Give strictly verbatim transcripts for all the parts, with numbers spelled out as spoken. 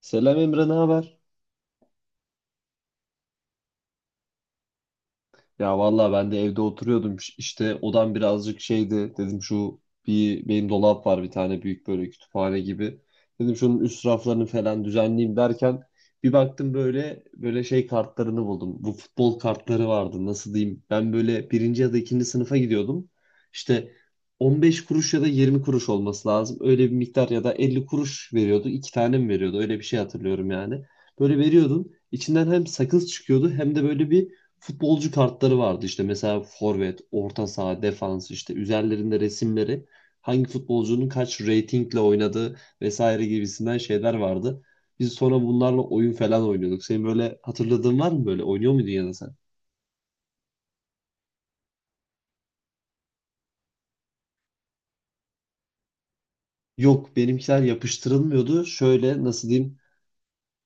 Selam Emre, ne haber? Ya vallahi ben de evde oturuyordum. Ş- İşte odam birazcık şeydi. Dedim şu bir benim dolap var bir tane büyük böyle kütüphane gibi. Dedim şunun üst raflarını falan düzenleyeyim derken bir baktım böyle böyle şey kartlarını buldum. Bu futbol kartları vardı. Nasıl diyeyim? Ben böyle birinci ya da ikinci sınıfa gidiyordum. İşte on beş kuruş ya da yirmi kuruş olması lazım. Öyle bir miktar ya da elli kuruş veriyordu. İki tane mi veriyordu? Öyle bir şey hatırlıyorum yani. Böyle veriyordun. İçinden hem sakız çıkıyordu hem de böyle bir futbolcu kartları vardı işte mesela forvet, orta saha, defans işte üzerlerinde resimleri hangi futbolcunun kaç ratingle oynadığı vesaire gibisinden şeyler vardı. Biz sonra bunlarla oyun falan oynuyorduk. Senin böyle hatırladığın var mı böyle? Oynuyor muydun ya da sen? Yok benimkiler yapıştırılmıyordu. Şöyle nasıl diyeyim?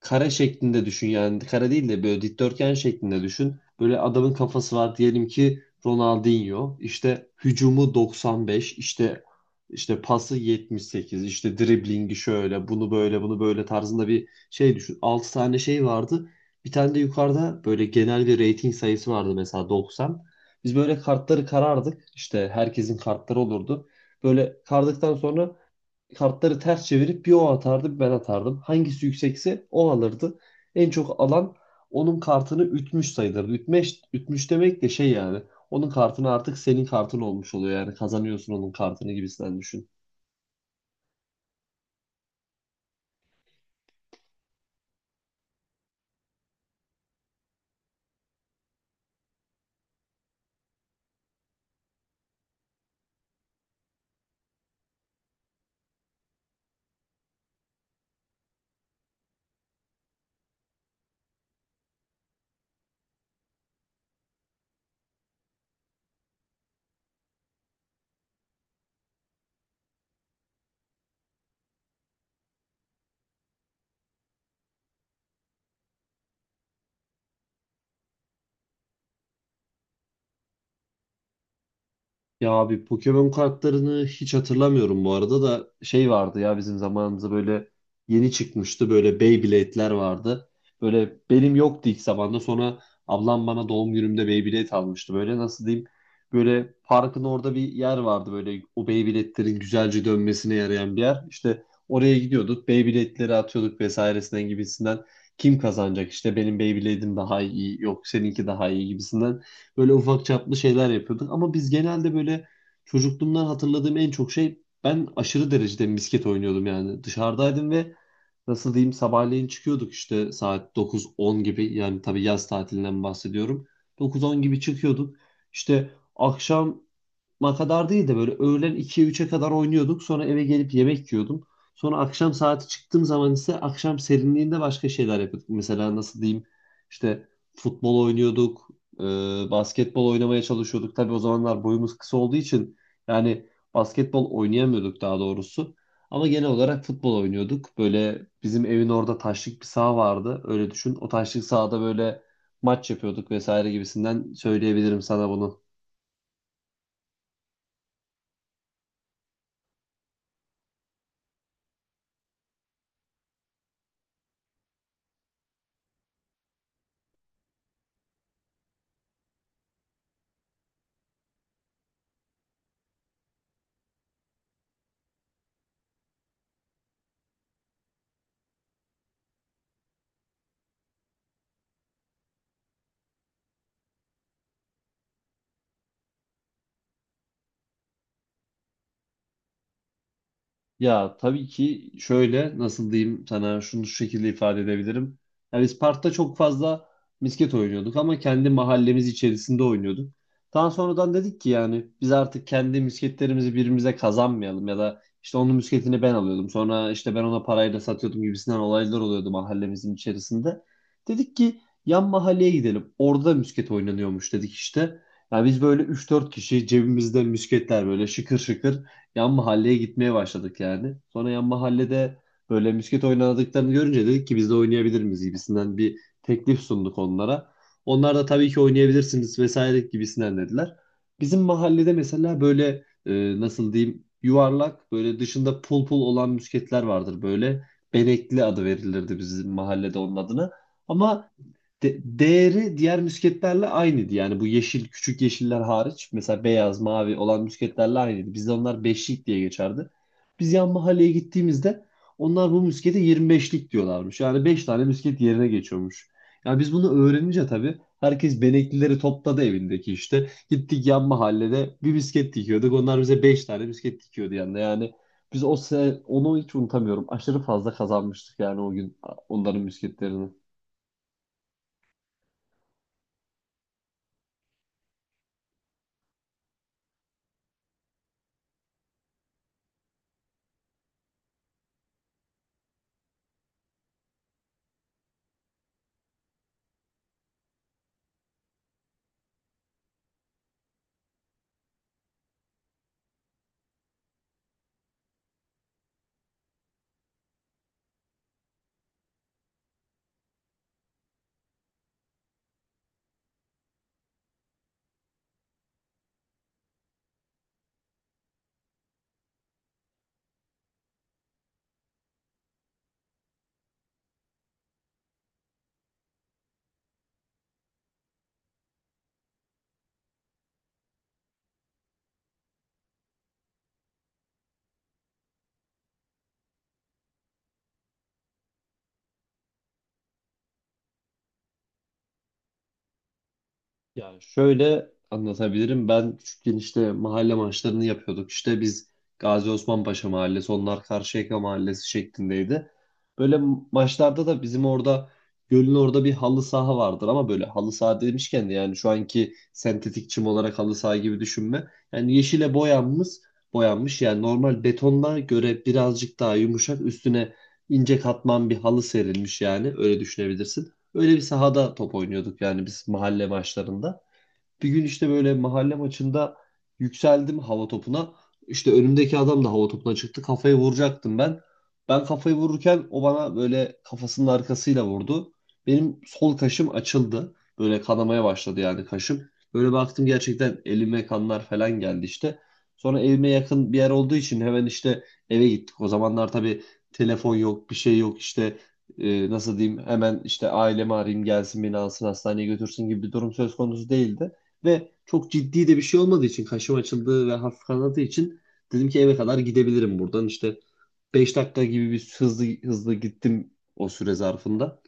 Kare şeklinde düşün yani kare değil de böyle dikdörtgen şeklinde düşün. Böyle adamın kafası var diyelim ki Ronaldinho işte hücumu doksan beş işte işte pası yetmiş sekiz işte driblingi şöyle bunu böyle bunu böyle tarzında bir şey düşün. Altı tane şey vardı. Bir tane de yukarıda böyle genel bir rating sayısı vardı mesela doksan. Biz böyle kartları karardık. İşte herkesin kartları olurdu. Böyle kardıktan sonra kartları ters çevirip bir o atardı bir ben atardım. Hangisi yüksekse o alırdı. En çok alan onun kartını ütmüş sayılırdı. Ütmüş, ütmüş demek de şey yani. Onun kartını artık senin kartın olmuş oluyor yani kazanıyorsun onun kartını gibisinden düşün. Ya abi Pokemon kartlarını hiç hatırlamıyorum, bu arada da şey vardı ya bizim zamanımızda böyle yeni çıkmıştı, böyle Beyblade'ler vardı. Böyle benim yoktu ilk zamanda, sonra ablam bana doğum günümde Beyblade almıştı. Böyle nasıl diyeyim, böyle parkın orada bir yer vardı böyle, o Beyblade'lerin güzelce dönmesine yarayan bir yer. İşte oraya gidiyorduk, Beyblade'leri atıyorduk vesairesinden gibisinden kim kazanacak işte, benim Beyblade'im daha iyi, yok seninki daha iyi gibisinden. Böyle ufak çaplı şeyler yapıyorduk. Ama biz genelde böyle, çocukluğumdan hatırladığım en çok şey ben aşırı derecede misket oynuyordum yani. Dışarıdaydım ve nasıl diyeyim sabahleyin çıkıyorduk işte saat dokuz on gibi, yani tabii yaz tatilinden bahsediyorum. dokuz on gibi çıkıyorduk. İşte akşam Ma kadar değil de böyle öğlen ikiye üçe kadar oynuyorduk. Sonra eve gelip yemek yiyordum. Sonra akşam saati çıktığım zaman ise akşam serinliğinde başka şeyler yapıyorduk. Mesela nasıl diyeyim işte futbol oynuyorduk, e, basketbol oynamaya çalışıyorduk. Tabii o zamanlar boyumuz kısa olduğu için yani basketbol oynayamıyorduk daha doğrusu. Ama genel olarak futbol oynuyorduk. Böyle bizim evin orada taşlık bir saha vardı. Öyle düşün. O taşlık sahada böyle maç yapıyorduk vesaire gibisinden söyleyebilirim sana bunu. Ya tabii ki şöyle nasıl diyeyim sana şunu, şu şekilde ifade edebilirim. Yani biz parkta çok fazla misket oynuyorduk ama kendi mahallemiz içerisinde oynuyorduk. Daha sonradan dedik ki yani biz artık kendi misketlerimizi birbirimize kazanmayalım ya da işte onun misketini ben alıyordum. Sonra işte ben ona parayla satıyordum gibisinden olaylar oluyordu mahallemizin içerisinde. Dedik ki yan mahalleye gidelim. Orada misket oynanıyormuş dedik işte. Ya biz böyle üç dört kişi cebimizde misketler böyle şıkır şıkır yan mahalleye gitmeye başladık yani. Sonra yan mahallede böyle misket oynadıklarını görünce dedik ki biz de oynayabilir miyiz gibisinden bir teklif sunduk onlara. Onlar da tabii ki oynayabilirsiniz vesaire gibisinden dediler. Bizim mahallede mesela böyle e, nasıl diyeyim yuvarlak böyle dışında pul pul olan misketler vardır böyle. Benekli adı verilirdi bizim mahallede onun adına. Ama de- değeri diğer müsketlerle aynıydı. Yani bu yeşil, küçük yeşiller hariç mesela beyaz, mavi olan müsketlerle aynıydı. Bizde onlar beşlik diye geçerdi. Biz yan mahalleye gittiğimizde onlar bu müskete yirmi beşlik diyorlarmış. Yani beş tane müsket yerine geçiyormuş. Yani biz bunu öğrenince tabii herkes beneklileri topladı evindeki işte. Gittik yan mahallede bir misket dikiyorduk. Onlar bize beş tane misket dikiyordu yanında. Yani biz o se- onu hiç unutamıyorum. Aşırı fazla kazanmıştık yani o gün onların misketlerini. Ya şöyle anlatabilirim. Ben küçükken işte mahalle maçlarını yapıyorduk. İşte biz Gazi Osman Paşa Mahallesi, onlar Karşıyaka Mahallesi şeklindeydi. Böyle maçlarda da bizim orada gölün orada bir halı saha vardır ama böyle halı saha demişken de yani şu anki sentetik çim olarak halı saha gibi düşünme. Yani yeşile boyanmış, boyanmış yani normal betondan göre birazcık daha yumuşak üstüne ince katman bir halı serilmiş yani öyle düşünebilirsin. Öyle bir sahada top oynuyorduk yani biz mahalle maçlarında. Bir gün işte böyle mahalle maçında yükseldim hava topuna. İşte önümdeki adam da hava topuna çıktı. Kafayı vuracaktım ben. Ben kafayı vururken o bana böyle kafasının arkasıyla vurdu. Benim sol kaşım açıldı. Böyle kanamaya başladı yani kaşım. Böyle baktım gerçekten elime kanlar falan geldi işte. Sonra evime yakın bir yer olduğu için hemen işte eve gittik. O zamanlar tabii telefon yok, bir şey yok işte e, nasıl diyeyim hemen işte ailemi arayayım gelsin beni alsın hastaneye götürsün gibi bir durum söz konusu değildi. Ve çok ciddi de bir şey olmadığı için kaşım açıldı ve hafif kanadığı için dedim ki eve kadar gidebilirim buradan. İşte beş dakika gibi bir hızlı hızlı gittim o süre zarfında.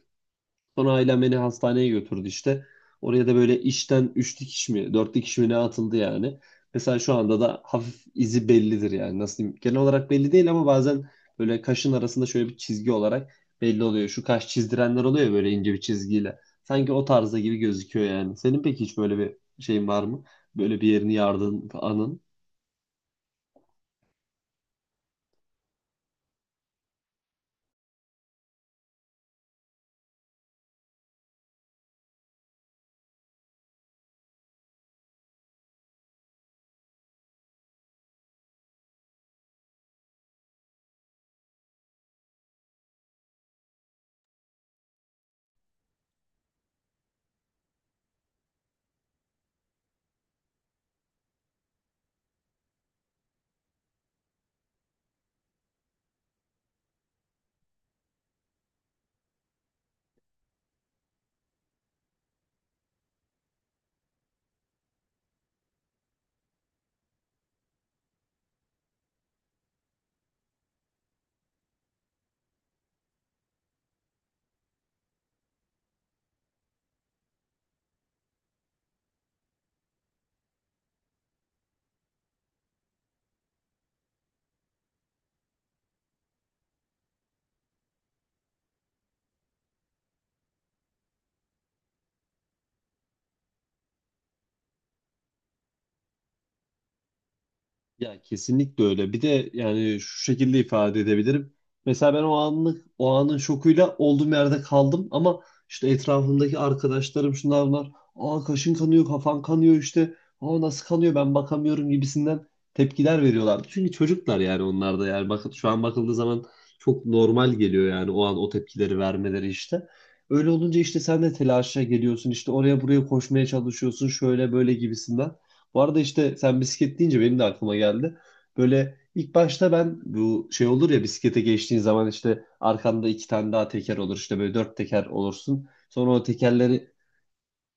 Sonra ailem beni hastaneye götürdü işte. Oraya da böyle işten üç dikiş mi, dört dikiş mi ne atıldı yani. Mesela şu anda da hafif izi bellidir yani. Nasıl diyeyim? Genel olarak belli değil ama bazen böyle kaşın arasında şöyle bir çizgi olarak belli oluyor. Şu kaş çizdirenler oluyor ya böyle ince bir çizgiyle. Sanki o tarzda gibi gözüküyor yani. Senin peki hiç böyle bir şeyin var mı? Böyle bir yerini yardığın anın. Ya kesinlikle öyle. Bir de yani şu şekilde ifade edebilirim. Mesela ben o anlık o anın şokuyla olduğum yerde kaldım ama işte etrafımdaki arkadaşlarım şunlar bunlar. Aa kaşın kanıyor, kafan kanıyor işte. Aa nasıl kanıyor, ben bakamıyorum gibisinden tepkiler veriyorlardı. Çünkü çocuklar yani, onlar da yani bakın şu an bakıldığı zaman çok normal geliyor yani o an o tepkileri vermeleri işte. Öyle olunca işte sen de telaşa geliyorsun işte oraya buraya koşmaya çalışıyorsun şöyle böyle gibisinden. Bu arada işte sen bisiklet deyince benim de aklıma geldi. Böyle ilk başta ben bu şey olur ya bisiklete geçtiğin zaman işte arkanda iki tane daha teker olur. işte böyle dört teker olursun. Sonra o tekerleri.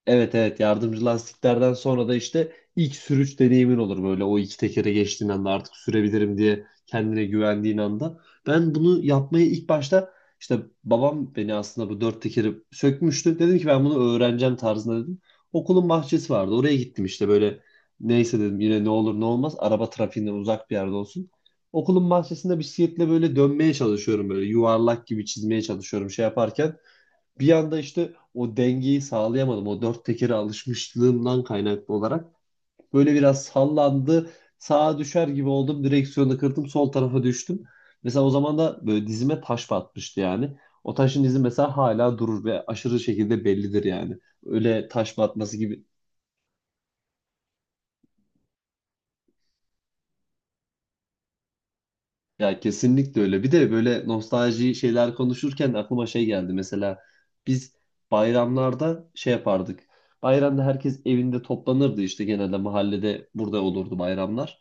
Evet, evet, yardımcı lastiklerden sonra da işte ilk sürüş deneyimin olur böyle o iki tekere geçtiğin anda artık sürebilirim diye kendine güvendiğin anda. Ben bunu yapmayı ilk başta işte, babam beni aslında bu dört tekeri sökmüştü. Dedim ki ben bunu öğreneceğim tarzında dedim. Okulun bahçesi vardı oraya gittim işte böyle neyse dedim yine ne olur ne olmaz araba trafiğinden uzak bir yerde olsun. Okulun bahçesinde bisikletle böyle dönmeye çalışıyorum böyle yuvarlak gibi çizmeye çalışıyorum şey yaparken bir yanda işte o dengeyi sağlayamadım. O dört tekere alışmışlığımdan kaynaklı olarak böyle biraz sallandı. Sağa düşer gibi oldum. Direksiyonu kırdım. Sol tarafa düştüm. Mesela o zaman da böyle dizime taş batmıştı yani. O taşın izi mesela hala durur ve aşırı şekilde bellidir yani. Öyle taş batması gibi. Ya kesinlikle öyle. Bir de böyle nostalji şeyler konuşurken aklıma şey geldi. Mesela biz bayramlarda şey yapardık. Bayramda herkes evinde toplanırdı işte genelde mahallede burada olurdu bayramlar.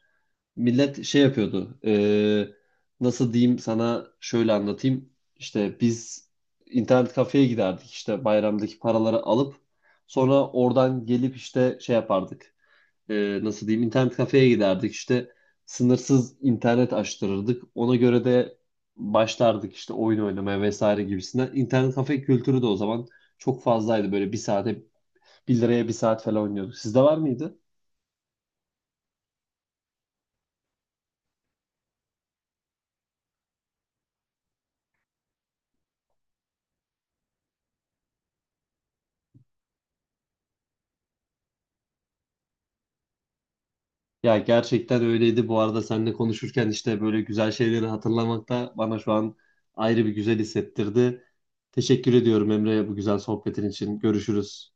Millet şey yapıyordu. Eee, nasıl diyeyim sana, şöyle anlatayım. İşte biz internet kafeye giderdik işte bayramdaki paraları alıp sonra oradan gelip işte şey yapardık, e, nasıl diyeyim internet kafeye giderdik işte sınırsız internet açtırırdık. Ona göre de başlardık işte oyun oynamaya vesaire gibisinden. İnternet kafe kültürü de o zaman çok fazlaydı, böyle bir saate bir liraya bir saat falan oynuyorduk. Sizde var mıydı? Ya gerçekten öyleydi. Bu arada seninle konuşurken işte böyle güzel şeyleri hatırlamak da bana şu an ayrı bir güzel hissettirdi. Teşekkür ediyorum Emre bu güzel sohbetin için. Görüşürüz.